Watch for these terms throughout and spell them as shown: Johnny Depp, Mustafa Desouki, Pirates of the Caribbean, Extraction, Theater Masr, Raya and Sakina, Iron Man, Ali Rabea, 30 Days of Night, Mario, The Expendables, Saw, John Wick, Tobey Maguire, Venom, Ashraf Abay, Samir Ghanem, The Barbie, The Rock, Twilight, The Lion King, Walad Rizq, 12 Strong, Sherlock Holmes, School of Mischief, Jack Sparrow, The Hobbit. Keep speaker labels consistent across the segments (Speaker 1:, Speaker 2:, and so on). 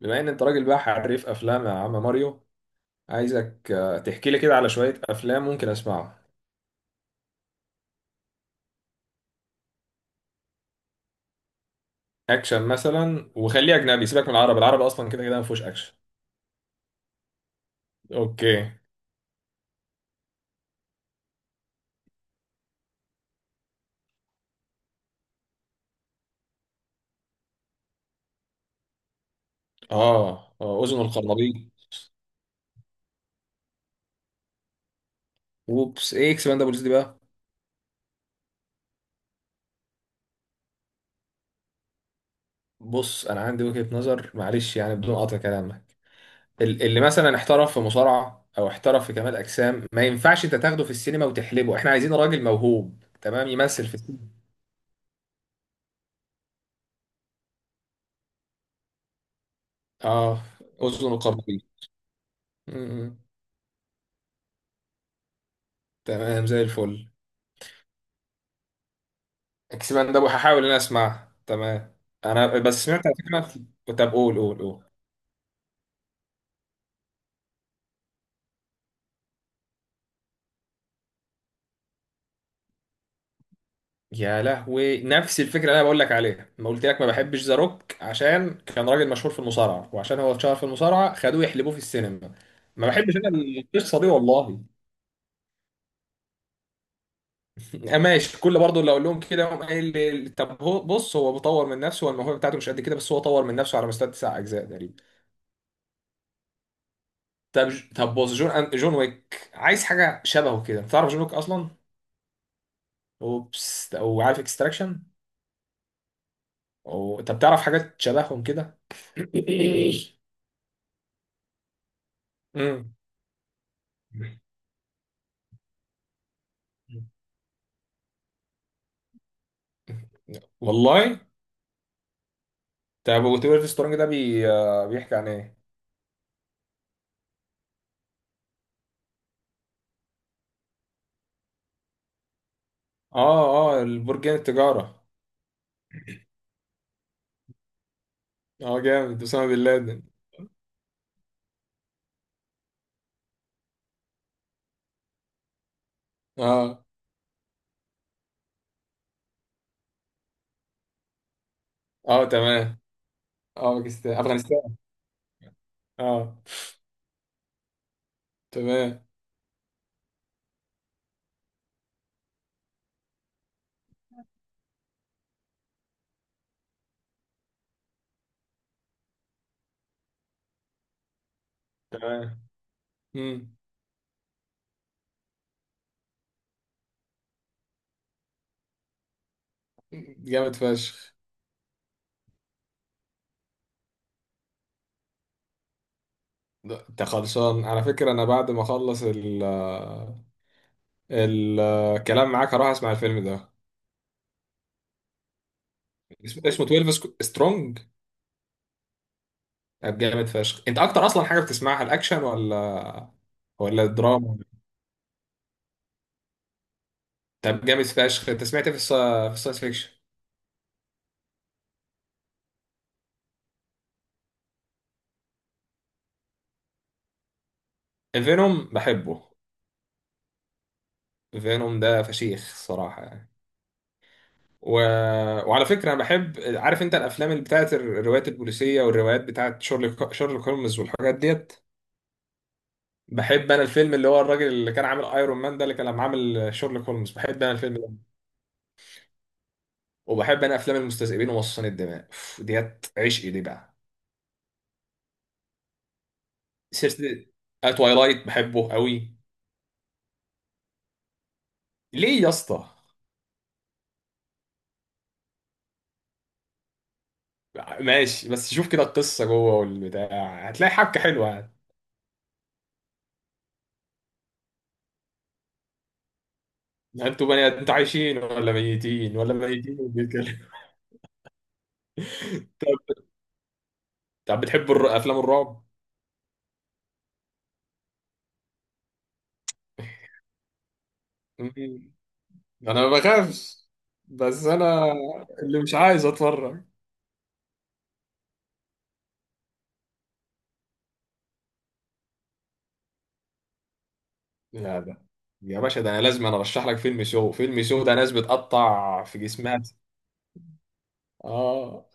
Speaker 1: بما ان انت راجل بقى حريف افلام يا عم ماريو. عايزك تحكي لي كده على شويه افلام ممكن اسمعها. اكشن مثلا، وخليه اجنبي، سيبك من العربي، العربي اصلا كده كده ما فيهوش اكشن. اوكي. اه اذن القرنبيط. وبس ايه اكسباندابلز دي بقى؟ بص انا عندي وجهه نظر، معلش يعني بدون قطع كلامك. اللي مثلا احترف في مصارعه او احترف في كمال اجسام، ما ينفعش انت تاخده في السينما وتحلبه. احنا عايزين راجل موهوب تمام يمثل في السينما. اه، اذن القرنبيط. م- م. تمام زي الفل. اكسبان ده هحاول ان انا اسمعها، تمام. انا بس سمعت على فكره. طب قول قول. يا لهوي نفس الفكره اللي انا بقول لك عليها، ما قلت لك ما بحبش ذا روك عشان كان راجل مشهور في المصارعه، وعشان هو اتشهر في المصارعه خدوه يحلبوه في السينما. ما بحبش انا القصه دي والله. ماشي، كل برضه اللي اقول لهم كده يقوم قايل لي طب هو. بص، هو بيطور من نفسه والموهبه بتاعته مش قد كده، بس هو طور من نفسه على مستوى تسع اجزاء تقريبا. طب، طب بص، جون ويك عايز حاجه شبهه كده. تعرف جون ويك اصلا؟ اوبس. وعارف اكستراكشن؟ طب تعرف حاجات شبههم كده؟ امم والله. طب وتبقى سترونج ده بي... آه، بيحكي عن ايه؟ اه اه، البرجين التجارة. اه جامد، اسامة بن لادن. اه اه، تمام. اه، باكستان افغانستان. اه، تمام. تمام. امم جامد فشخ. انت خلصان؟ على فكرة انا بعد ما اخلص الكلام معاك هروح اسمع الفيلم ده. اسمه، اسمه 12 سترونج؟ طب جامد فشخ. انت اكتر اصلا حاجه بتسمعها الاكشن ولا ولا الدراما؟ طب جامد فشخ، انت سمعت ايه في في الساينس فيكشن؟ فينوم بحبه. فينوم ده فشيخ الصراحه يعني. و... وعلى فكره انا بحب، عارف انت الافلام اللي بتاعت الروايات البوليسيه والروايات بتاعت شارلوك، شارلوك هولمز والحاجات ديت؟ بحب انا الفيلم اللي هو الراجل اللي كان عامل ايرون مان ده، اللي كان لما عامل شارلوك هولمز، بحب انا الفيلم ده. وبحب انا افلام المستذئبين ومصاصين الدماء، ديت عشقي دي بقى. سلسله تويلايت بحبه قوي. ليه يا اسطى؟ ماشي، بس شوف كده القصه جوه والبتاع هتلاقي حبكه حلوه يعني. انتوا بني انتوا عايشين ولا ميتين؟ ولا ميتين وبيتكلم؟ طب، طب بتحبوا افلام الرعب؟ مم. انا ما بخافش، بس انا اللي مش عايز اتفرج. لا ده، يا باشا ده انا لازم انا ارشح لك فيلم شو. فيلم شو ده ناس بتقطع في جسمها. اه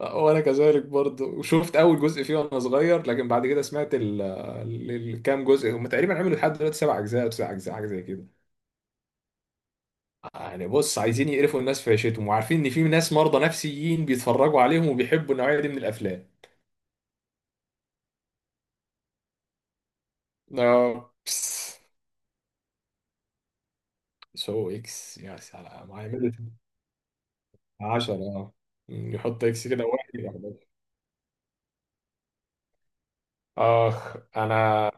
Speaker 1: وانا كذلك برضه، وشفت اول جزء فيه وانا صغير، لكن بعد كده سمعت الكام جزء، هم تقريبا عملوا لحد دلوقتي سبع اجزاء او تسع اجزاء حاجه زي كده. يعني بص، عايزين يقرفوا الناس في عيشتهم وعارفين ان في ناس مرضى نفسيين بيتفرجوا عليهم وبيحبوا النوعيه دي من الافلام. بس. سو اكس، يا سلام عامل. 10 اه. يحط اكس كده واحد يبقى حداشر. اخ انا.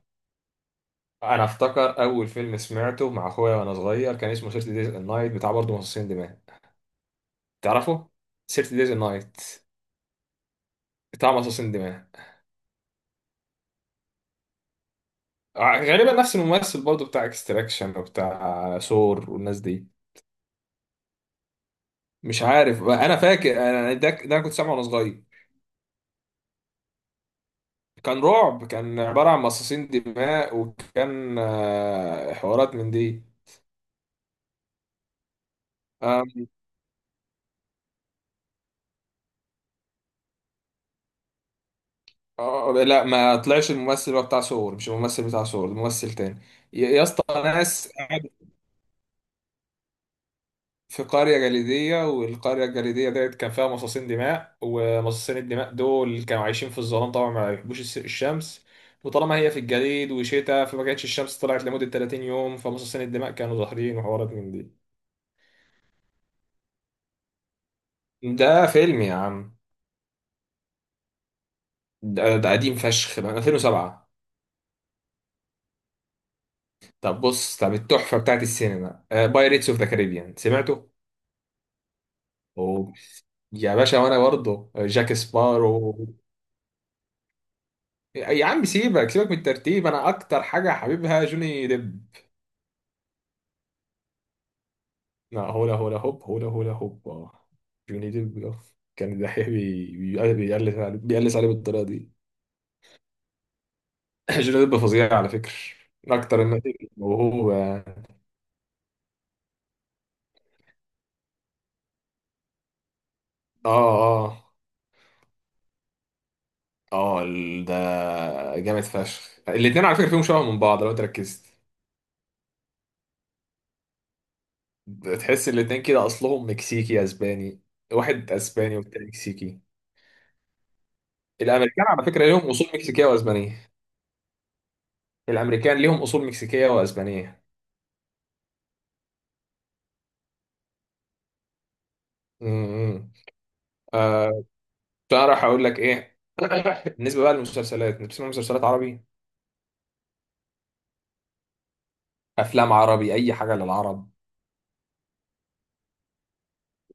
Speaker 1: انا افتكر اول فيلم سمعته مع اخويا وانا صغير كان اسمه 30 دايز النايت، بتاع برضه مصاصين دماء. تعرفه؟ 30 دايز نايت بتاع مصاصين دماء. غالبا نفس الممثل برضه بتاع اكستراكشن وبتاع سور والناس دي. مش عارف، انا فاكر انا ده، انا كنت سامعه وانا صغير. كان رعب. كان عبارة عن مصاصين دماء وكان حوارات من دي. آم، آه، لا، ما طلعش الممثل بقى بتاع سور، مش الممثل بتاع سور، الممثل تاني. يا اسطى، ناس في قرية جليدية، والقرية الجليدية ديت كان فيها مصاصين دماء، ومصاصين الدماء دول كانوا عايشين في الظلام طبعا، ما بيحبوش الشمس. وطالما هي في الجليد وشتاء، فما كانتش الشمس طلعت لمدة 30 يوم، فمصاصين الدماء كانوا ظاهرين وحوارات من دي. ده فيلم يا عم. ده، قديم فشخ من 2007. طب بص، طب التحفة بتاعت السينما بايريتس اوف ذا كاريبيان سمعته؟ أوه. يا باشا، وانا برضه جاك سبارو. يا عم سيبك، سيبك من الترتيب، انا اكتر حاجة حبيبها جوني ديب. لا، هولا هولا هوب، هولا هولا هوب، اه. جوني ديب آه. كان الدحيح بيقلس عليه، بيقلس عليه بالطريقه دي. جوني ديب فظيع على فكره، من اكتر الناس الموهوبه، اه. اه اه ده جامد فشخ. الاتنين على فكره فيهم شبه من بعض لو انت ركزت. تحس الاتنين كده اصلهم مكسيكي اسباني. واحد اسباني والتاني مكسيكي. الامريكان على فكره ليهم اصول مكسيكيه واسبانيه. الامريكان ليهم اصول مكسيكيه واسبانيه. امم فأروح أقول لك إيه. بالنسبة بقى للمسلسلات أنت بتسمع مسلسلات عربي؟ أفلام عربي؟ أي حاجة للعرب؟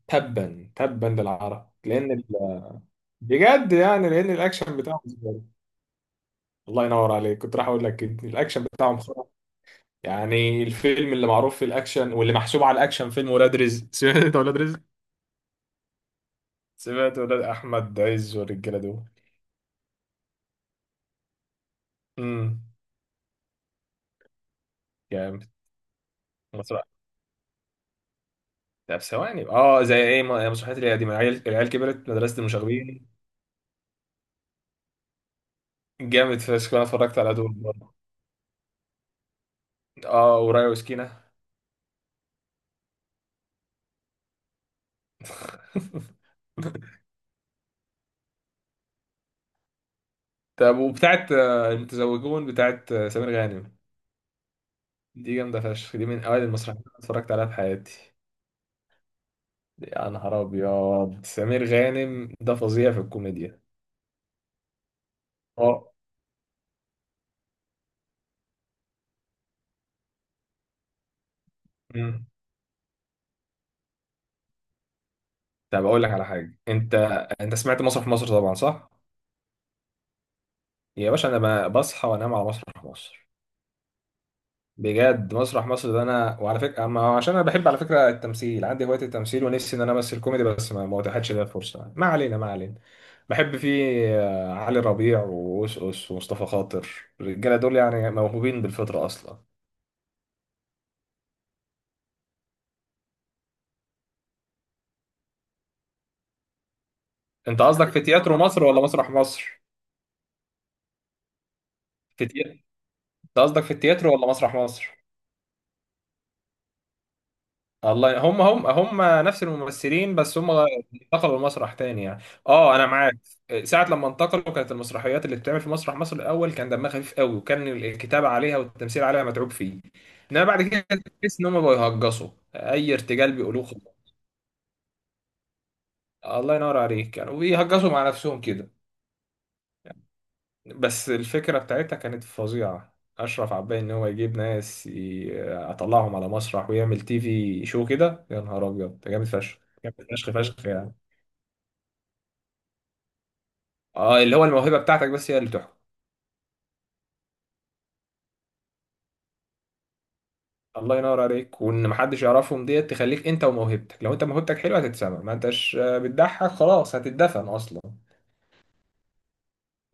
Speaker 1: تبا للعرب لأن بجد يعني، لأن الأكشن بتاعهم زبالة. الله ينور عليك، كنت راح أقول لك كده، الأكشن بتاعهم خرا. يعني الفيلم اللي معروف في الأكشن واللي محسوب على الأكشن فيلم ولاد رزق. سمعت أنت ولاد رزق؟ سمعت ولاد أحمد عز والرجالة دول؟ امم جامد. مسرح؟ طب ثواني، اه. زي ايه؟ مسرحيات اللي هي دي من العيال، العيال كبرت، مدرسة المشاغبين. جامد فشخ، انا اتفرجت على دول. اه، ورايا وسكينة. طب وبتاعت المتزوجون بتاعت سمير غانم، دي جامدة فشخ، دي من أوائل المسرحيات اللي اتفرجت عليها في حياتي. يا نهار أبيض، سمير غانم ده فظيع في الكوميديا. اه. مم. طب أقول لك على حاجة، أنت، أنت سمعت مسرح مصر طبعا صح؟ يا باشا، أنا بصحى وأنام على مسرح مصر. بجد مسرح مصر ده انا، وعلى فكره أما عشان انا بحب على فكره التمثيل، عندي هوايه التمثيل ونفسي ان انا امثل كوميدي، بس ما اتاحتش ليا الفرصه، ما علينا ما علينا. بحب فيه علي ربيع وأوس ومصطفى خاطر. الرجاله دول يعني موهوبين بالفطره اصلا. انت قصدك في تياترو مصر ولا مسرح مصر؟ في تي... انت قصدك في التياترو ولا مسرح مصر؟ الله، هم هم، نفس الممثلين بس هم انتقلوا لمسرح تاني يعني. اه، انا معاك. ساعة لما انتقلوا، كانت المسرحيات اللي بتتعمل في مسرح مصر الاول كان دمها خفيف قوي، وكان الكتابة عليها والتمثيل عليها متعوب فيه. انما بعد كده تحس ان هم بقوا يهجصوا، اي ارتجال بيقولوه خلاص. الله ينور عليك، كانوا بيهجصوا مع نفسهم كده. بس الفكرة بتاعتها كانت فظيعة، اشرف عباي، ان هو يجيب ناس يطلعهم على مسرح ويعمل تي في شو كده، يا نهار ابيض ده جامد فشخ. جامد فشخ فشخ يعني، اه. اللي هو الموهبه بتاعتك بس هي اللي تحكم. الله ينور عليك، وان محدش يعرفهم ديت تخليك انت وموهبتك، لو انت موهبتك حلوه هتتسمع. ما انتش بتضحك خلاص، هتتدفن اصلا.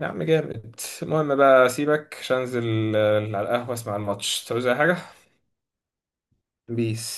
Speaker 1: يا عم جامد. المهم بقى سيبك، عشان انزل على القهوه اسمع الماتش. تعوز اي حاجه؟ بيس.